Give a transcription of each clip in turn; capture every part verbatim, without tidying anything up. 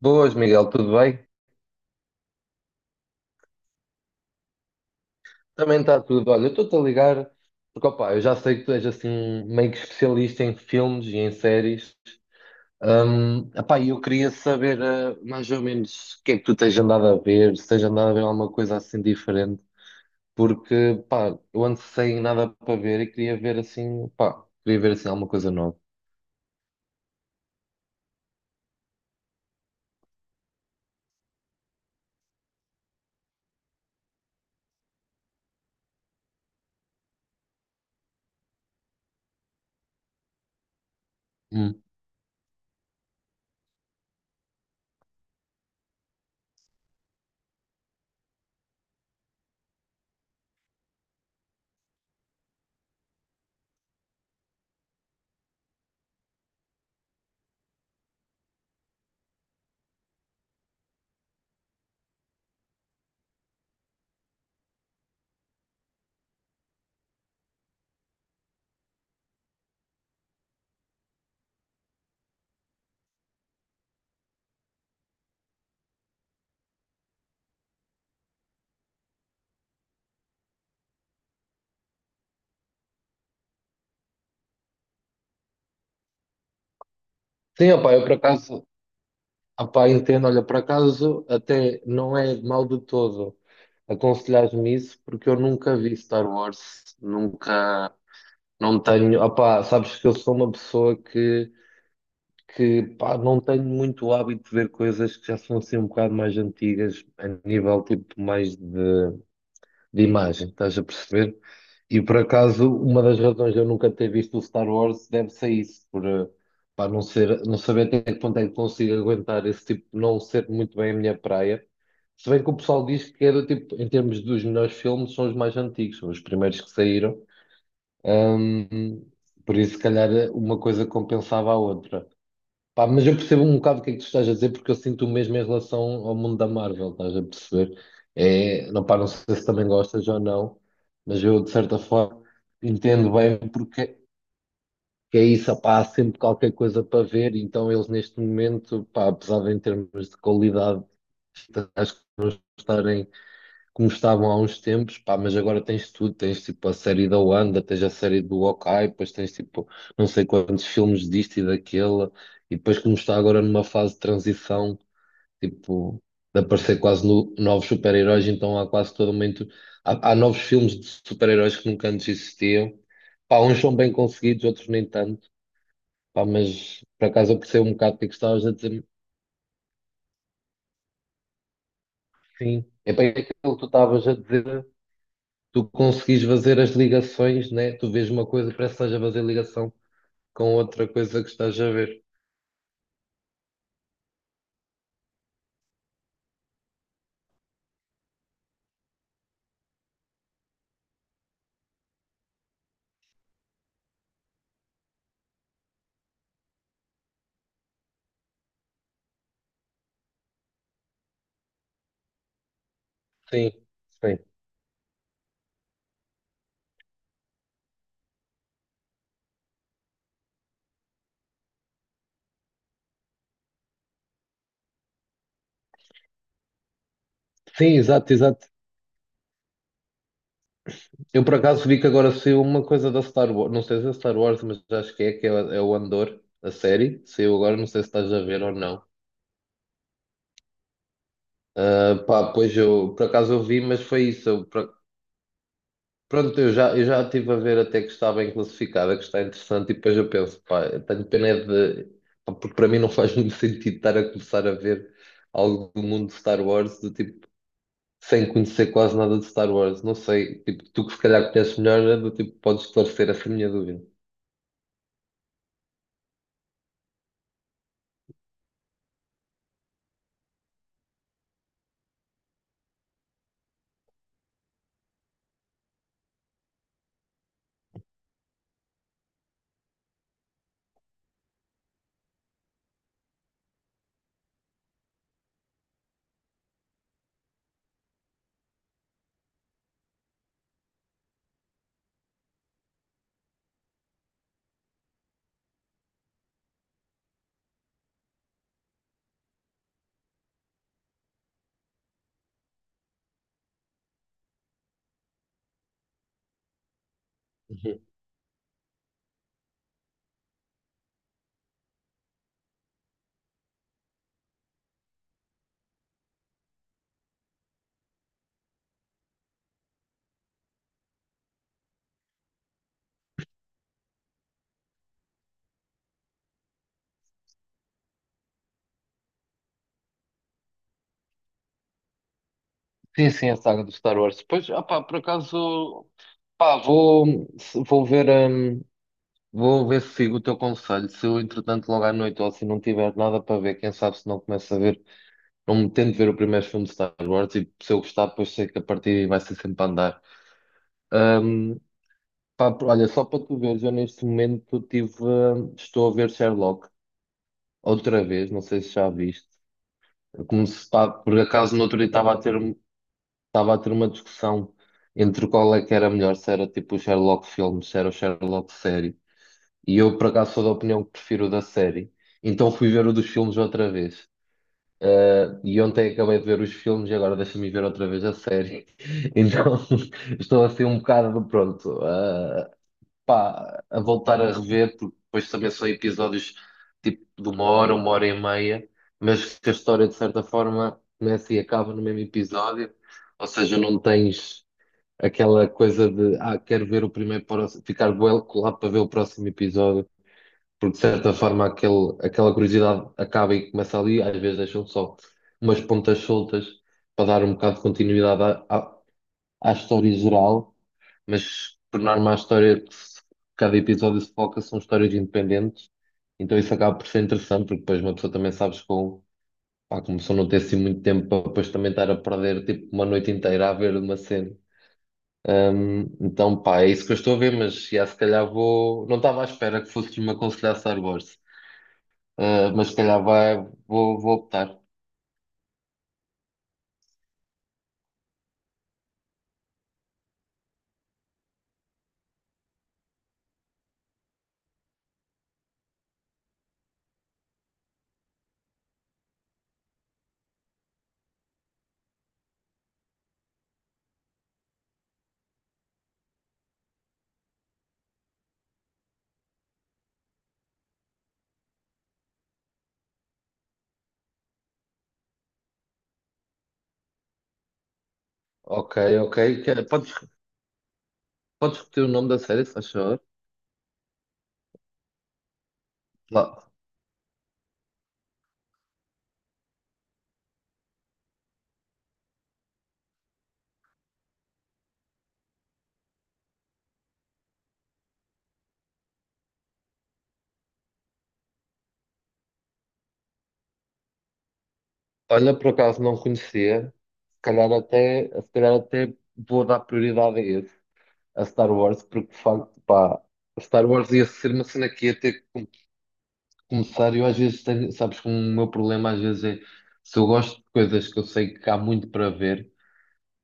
Boas, Miguel, tudo bem? Também está tudo. Olha, eu estou-te a ligar porque, opá, eu já sei que tu és assim meio que especialista em filmes e em séries. Hum, epá, e eu queria saber eh, mais ou menos o que é que tu tens andado a ver, se tens andado a ver alguma coisa assim diferente, porque, pá, eu ando sem nada para ver e queria ver assim, pá, queria ver assim alguma coisa nova. Hum. Sim, opá, eu por acaso. Ah, pá, entendo, olha, por acaso até não é mal de todo aconselhar-me isso, porque eu nunca vi Star Wars, nunca, não tenho, ah, pá, sabes que eu sou uma pessoa que, que pá, não tenho muito hábito de ver coisas que já são assim um bocado mais antigas, a nível tipo mais de de imagem, estás a perceber? E por acaso, uma das razões de eu nunca ter visto o Star Wars deve-se a isso, por, eh, pá, não ser, não saber até que ponto é que consigo aguentar esse tipo, não ser muito bem a minha praia. Se bem que o pessoal diz que é do tipo, em termos dos melhores filmes, são os mais antigos, são os primeiros que saíram. Ahm, por isso, se calhar, uma coisa compensava a outra. Pá, mas eu percebo um bocado o que é que tu estás a dizer, porque eu sinto o mesmo em relação ao mundo da Marvel, estás a perceber? É, não, pá, não sei se também gostas ou não, mas eu, de certa forma, entendo bem porque que é isso, pá, há sempre qualquer coisa para ver, então eles, neste momento, pá, apesar de em termos de qualidade, acho que estarem como estavam há uns tempos, pá, mas agora tens tudo, tens tipo a série da Wanda, tens a série do Hawkeye, depois tens tipo não sei quantos filmes disto e daquele, e depois como está agora numa fase de transição, tipo, de aparecer quase no- novos super-heróis, então há quase todo momento, há, há novos filmes de super-heróis que nunca antes existiam, pá, uns são bem conseguidos, outros nem tanto, pá, mas por acaso eu percebo um bocado o que é que estavas a dizer, sim, é bem aquilo que tu estavas a dizer, tu conseguis fazer as ligações, né? Tu vês uma coisa, parece que estás a fazer ligação com outra coisa que estás a ver. Sim, sim. Sim, exato, exato. Eu por acaso vi que agora saiu uma coisa da Star Wars, não sei se é Star Wars, mas acho que é, que é, é o Andor, a série. Saiu agora, não sei se estás a ver ou não. Ah, pá, pois eu, por acaso eu vi, mas foi isso. Eu, por- pronto, eu já, eu já estive a ver até que está bem classificada, que está interessante, e depois eu penso, pá, eu tenho pena é de. Pá, porque para mim não faz muito sentido estar a começar a ver algo do mundo de Star Wars, do tipo, sem conhecer quase nada de Star Wars. Não sei, tipo, tu que se calhar conheces melhor, é do tipo, podes esclarecer essa minha dúvida. Uhum. Sim, sim, a saga do Star Wars. Pois, ah pá, por acaso, pá, vou, se- vou ver, hum, vou ver se sigo o teu conselho. Se eu, entretanto, logo à noite ou se não tiver nada para ver, quem sabe se não começo a ver. Não tento ver o primeiro filme de Star Wars e se eu gostar, depois sei que a partir daí vai ser sempre a andar. Ahm, Pá, olha, só para tu veres, eu neste momento tive, ah, estou a ver Sherlock outra vez, não sei se já viste. Eu comecei, pá, por acaso no outro dia estava a ter, um, estava a ter uma discussão entre qual é que era melhor, se era tipo o Sherlock filme, se era o Sherlock série. E eu por acaso sou da opinião que prefiro o da série. Então fui ver o dos filmes outra vez. Uh, e ontem acabei de ver os filmes e agora deixa-me ver outra vez a série. Então estou assim um bocado pronto, uh, pá, a voltar a rever, porque depois também são episódios tipo de uma hora, uma hora e meia, mas que a história de certa forma começa e acaba no mesmo episódio, ou seja, não tens aquela coisa de ah, quero ver o primeiro para o- ficar bué colado para ver o próximo episódio porque de certa forma aquele, aquela curiosidade acaba e começa ali, às vezes deixam só umas pontas soltas para dar um bocado de continuidade à, à, à história geral, mas por norma a história que se- cada episódio se foca são histórias independentes, então isso acaba por ser interessante, porque depois uma pessoa também sabes com, pá, como só não ter assim muito tempo para depois também estar a perder tipo uma noite inteira a ver uma cena. Hum, então, pá, é isso que eu estou a ver, mas já, se calhar vou. Não estava à espera que fosses me aconselhar Star Wars. Uh, mas se calhar vai, vou, vou optar. Ok, ok. Que- podes, podes repetir o nome da série, se faz favor? Lá. Olha, por acaso não conhecia. Se calhar até, se calhar até vou dar prioridade a esse, a Star Wars, porque de facto, pá, Star Wars ia ser uma cena que ia ter que começar. Eu às vezes tenho, sabes que o meu problema às vezes é se eu gosto de coisas que eu sei que há muito para ver.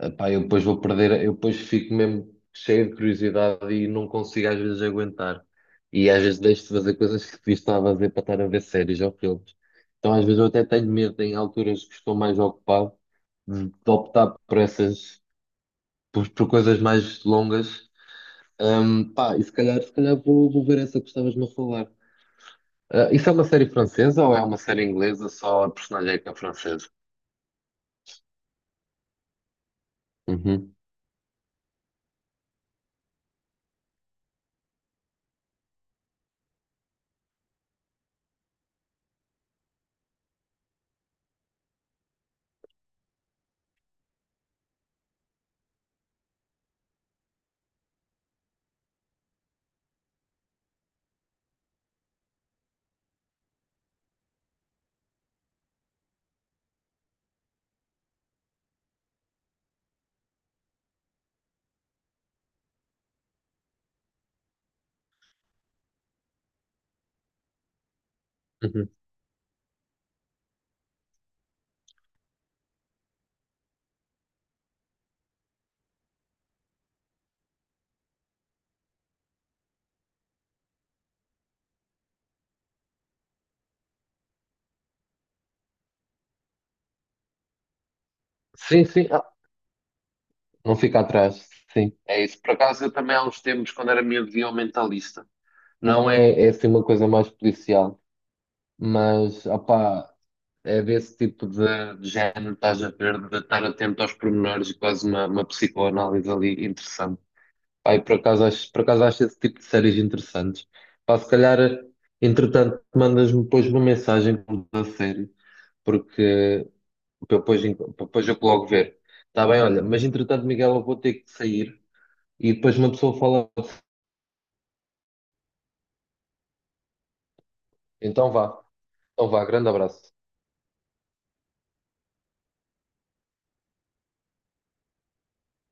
Epá, eu depois vou perder, eu depois fico mesmo cheio de curiosidade e não consigo às vezes aguentar. E às vezes deixo de fazer coisas que devia estar a fazer para estar a ver séries ou filmes. Então às vezes eu até tenho medo, em alturas que estou mais ocupado, de de optar por essas, por, por coisas mais longas. Hum, pá, e se calhar, se calhar vou, vou ver essa que estavas-me a falar. Ah, isso é uma série francesa ou é uma série inglesa? Só a personagem é que é francesa? Uhum. Uhum. Sim, sim. Não fica atrás, sim. É isso. Por acaso, eu também há uns tempos, quando era miúdo, via o Mentalista. Não é, é assim uma coisa mais policial, mas, opá, é desse tipo de, de género, estás a ver, de estar atento aos pormenores e quase uma, uma psicoanálise ali interessante. Pá, e por acaso, acho, por acaso acho esse tipo de séries interessantes. Pá, se calhar, entretanto, mandas-me depois uma mensagem da série, porque para eu depois, enco- para depois eu logo ver. Está bem, olha, mas entretanto, Miguel, eu vou ter que sair e depois uma pessoa fala, então vá, então vá, grande abraço.